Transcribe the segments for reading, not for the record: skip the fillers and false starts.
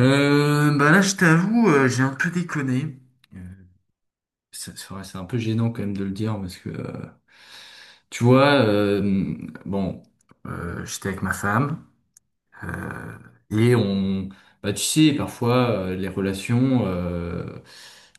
Bah là, je t'avoue, j'ai un peu déconné. Euh, C'est vrai, c'est un peu gênant quand même de le dire parce que, tu vois, bon, j'étais avec ma femme euh, et on, bah tu sais, parfois les relations,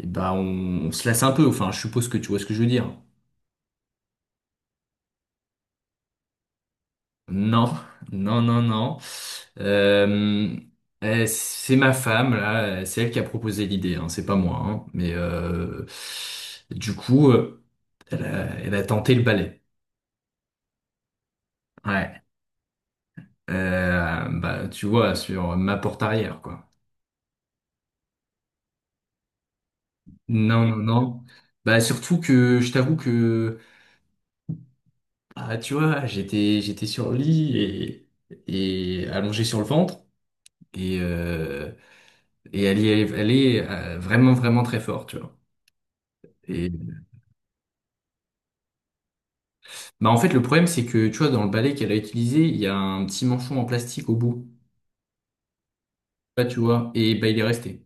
et bah on se lasse un peu. Enfin, je suppose que tu vois ce que je veux dire. Non, non, non, non. Euh, c'est ma femme là, c'est elle qui a proposé l'idée, hein, c'est pas moi, hein, mais du coup. Elle a, elle a tenté le ballet. Ouais. Bah, tu vois, sur ma porte arrière, quoi. Non, non, non. Bah, surtout que je t'avoue que, bah, tu vois, j'étais sur le lit et allongé sur le ventre. Et, euh, et elle est vraiment, vraiment très fort, tu vois. Et, bah, en fait, le problème, c'est que, tu vois, dans le balai qu'elle a utilisé, il y a un petit manchon en plastique au bout. Là, tu vois, et bah, il est resté.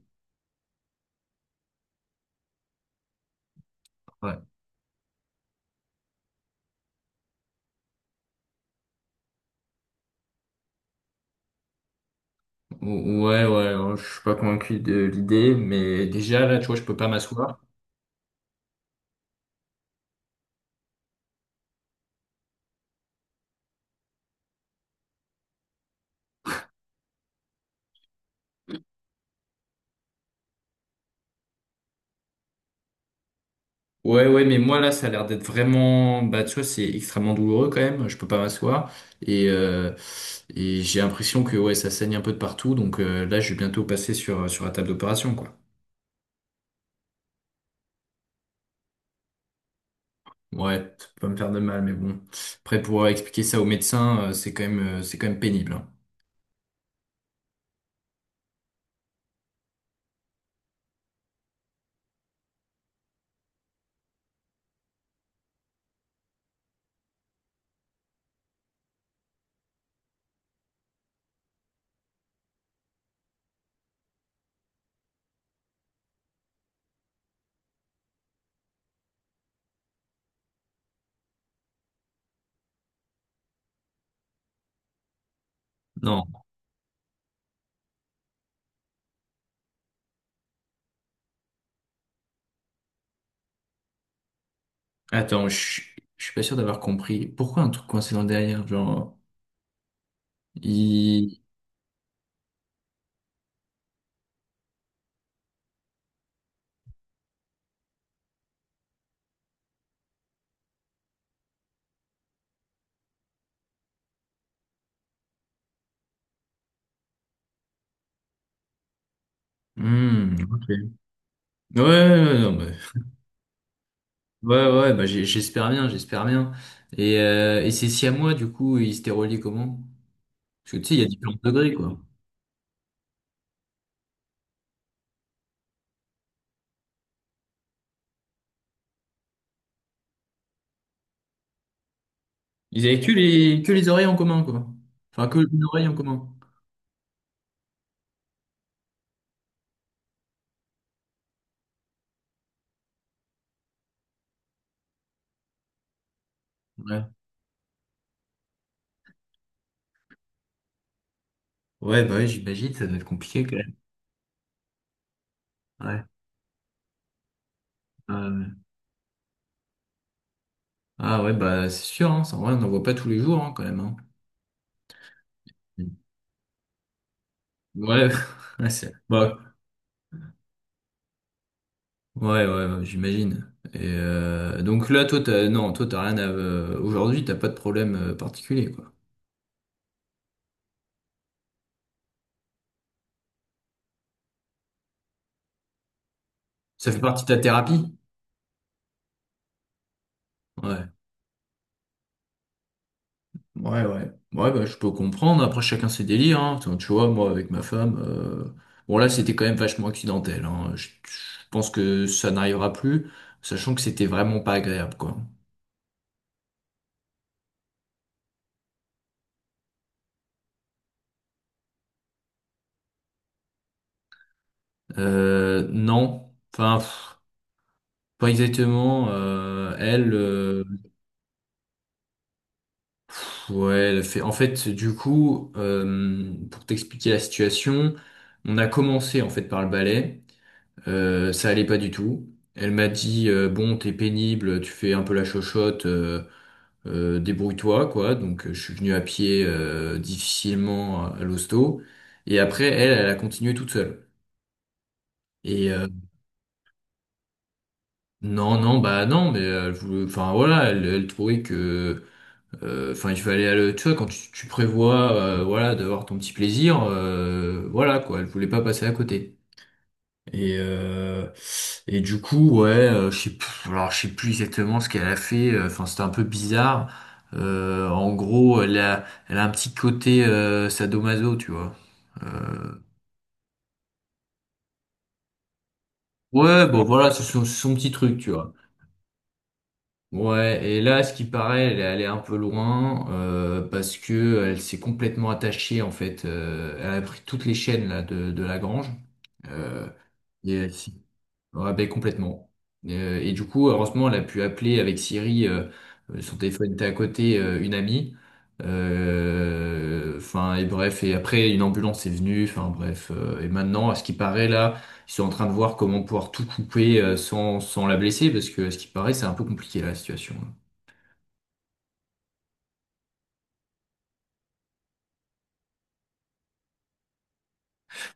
Ouais, ouais, ouais, je suis pas convaincu de l'idée, mais déjà là, tu vois, je peux pas m'asseoir. Ouais, ouais, mais moi là, ça a l'air d'être vraiment, bah, tu vois, c'est extrêmement douloureux quand même. Je peux pas m'asseoir et et j'ai l'impression que ouais, ça saigne un peu de partout. Donc là, je vais bientôt passer sur sur la table d'opération, quoi. Ouais, ça peut pas me faire de mal, mais bon. Après, pouvoir expliquer ça au médecin, c'est quand même pénible, hein. Non, attends, je suis pas sûr d'avoir compris. Pourquoi un truc coincé dans le derrière, genre il. Hmm, ok. Ouais, ouais, ouais, non, mais ouais, ouais, bah j'espère bien, j'espère bien. Et ces Siamois, du coup, ils étaient reliés comment? Parce que tu sais, il y a différents degrés, quoi. Ils avaient que que les oreilles en commun, quoi. Enfin, que une oreille en commun. Ouais. Ouais, bah ouais, j'imagine, ça doit être compliqué quand même. Ouais. Euh, ah ouais, bah c'est sûr, hein, ça, en vrai, on n'en voit pas tous les jours, hein, quand même, hein. Ouais, ouais, c'est- bah, ouais, ouais, ouais, j'imagine. Et donc là, toi, t'as, non, toi, t'as rien à, aujourd'hui, t'as pas de problème particulier, quoi. Ça fait partie de ta thérapie? Ouais, ouais, ouais. Ouais, bah, je peux comprendre. Après, chacun ses délires, hein. Tu vois, moi, avec ma femme, bon, là, c'était quand même vachement accidentel, hein. Je pense que ça n'arrivera plus, sachant que c'était vraiment pas agréable, quoi. Non. Enfin, pff, pas exactement. Elle, pff, ouais, elle a fait. En fait, du coup, pour t'expliquer la situation, on a commencé, en fait, par le ballet. Ça allait pas du tout. Elle m'a dit bon, t'es pénible, tu fais un peu la chochotte, débrouille-toi quoi. Donc je suis venu à pied difficilement à l'hosto. Et après elle, elle a continué toute seule. Et euh, non, non, bah non, mais elle voulait- enfin voilà, elle, elle trouvait que, enfin il fallait aller, tu vois, quand tu prévois, voilà, d'avoir ton petit plaisir, voilà quoi, elle voulait pas passer à côté. Et, euh, et du coup, ouais, je sais plus, alors je sais plus exactement ce qu'elle a fait. Enfin, c'était un peu bizarre. En gros, elle a, elle a un petit côté sadomaso, tu vois. Ouais, bon, voilà, c'est son, son petit truc, tu vois. Ouais, et là, ce qui paraît, elle est allée un peu loin parce que elle s'est complètement attachée, en fait. Elle a pris toutes les chaînes là de la grange. Euh, et elle s'est ouais, ben, complètement. Et du coup, heureusement, elle a pu appeler avec Siri, son téléphone était à côté, une amie. Euh, Enfin, et bref, et après, une ambulance est venue, enfin bref. Et maintenant, à ce qui paraît, là, ils sont en train de voir comment pouvoir tout couper sans, sans la blesser, parce que à ce qui paraît, c'est un peu compliqué, là, la situation.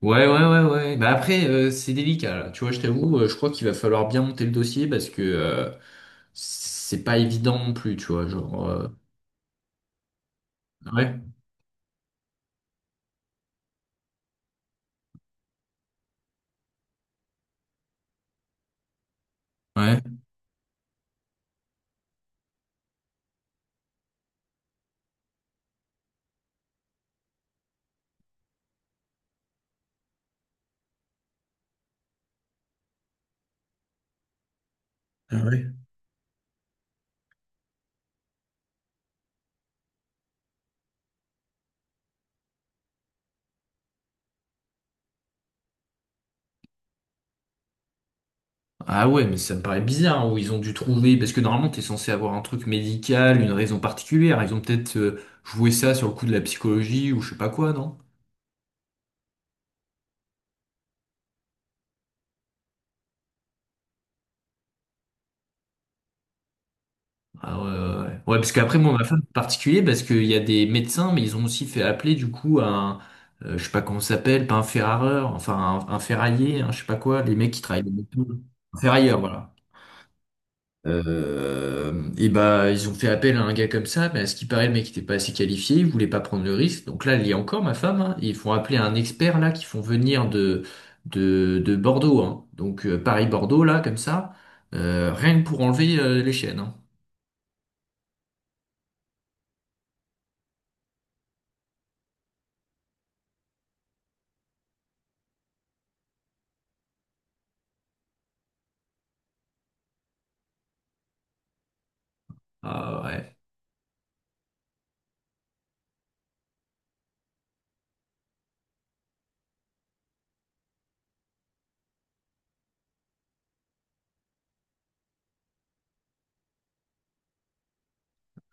Ouais, ouais, ouais, ouais. Bah après, c'est délicat, là. Tu vois, je t'avoue, je crois qu'il va falloir bien monter le dossier, parce que c'est pas évident non plus, tu vois, genre. Ouais, ouais. Ah ouais. Ah ouais, mais ça me paraît bizarre hein, où ils ont dû trouver, parce que normalement t'es censé avoir un truc médical, une raison particulière. Ils ont peut-être joué ça sur le coup de la psychologie ou je sais pas quoi, non? Ah ouais, ouais, ouais. Ouais, parce qu'après moi ma femme c'est particulier parce qu'il y a des médecins, mais ils ont aussi fait appeler du coup à un, je sais pas comment ça s'appelle, pas un ferrareur, enfin un ferrailler, hein, je sais pas quoi, les mecs qui travaillent dans les tôles. Un ferrailleur, voilà. Et bah ils ont fait appel à un gars comme ça, mais à ce qui paraît le mec était pas assez qualifié, il voulait pas prendre le risque. Donc là, il y a encore ma femme, hein, et ils font appeler un expert là qui font venir de de Bordeaux, hein. Donc Paris-Bordeaux là comme ça, rien que pour enlever les chaînes, hein. Ah ouais,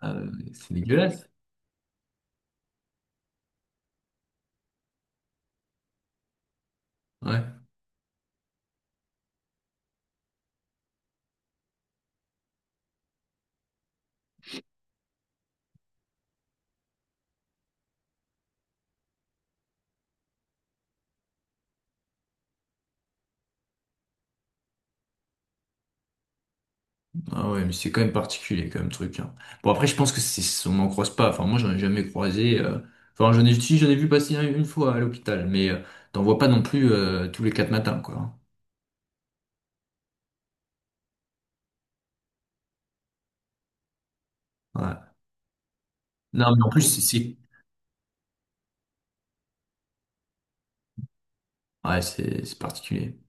ah, c'est dégueulasse. Ouais. Ah ouais, mais c'est quand même particulier comme truc, hein. Bon après je pense que c'est on n'en croise pas. Enfin moi j'en ai jamais croisé. Enfin j'en ai si j'en ai vu passer une fois à l'hôpital, mais t'en vois pas non plus tous les quatre matins quoi, hein. Ouais. Non mais en plus ouais c'est particulier.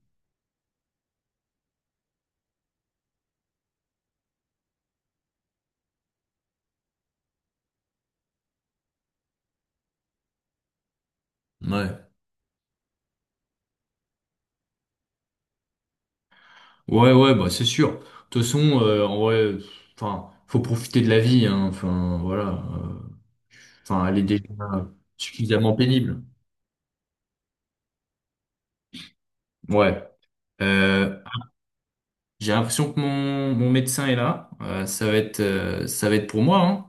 Ouais, ouais, ouais, bah c'est sûr. De toute façon en vrai enfin faut profiter de la vie, hein. Enfin voilà. Enfin elle est déjà suffisamment pénible. Ouais. Euh, j'ai l'impression que mon médecin est là. Ça va être pour moi, hein.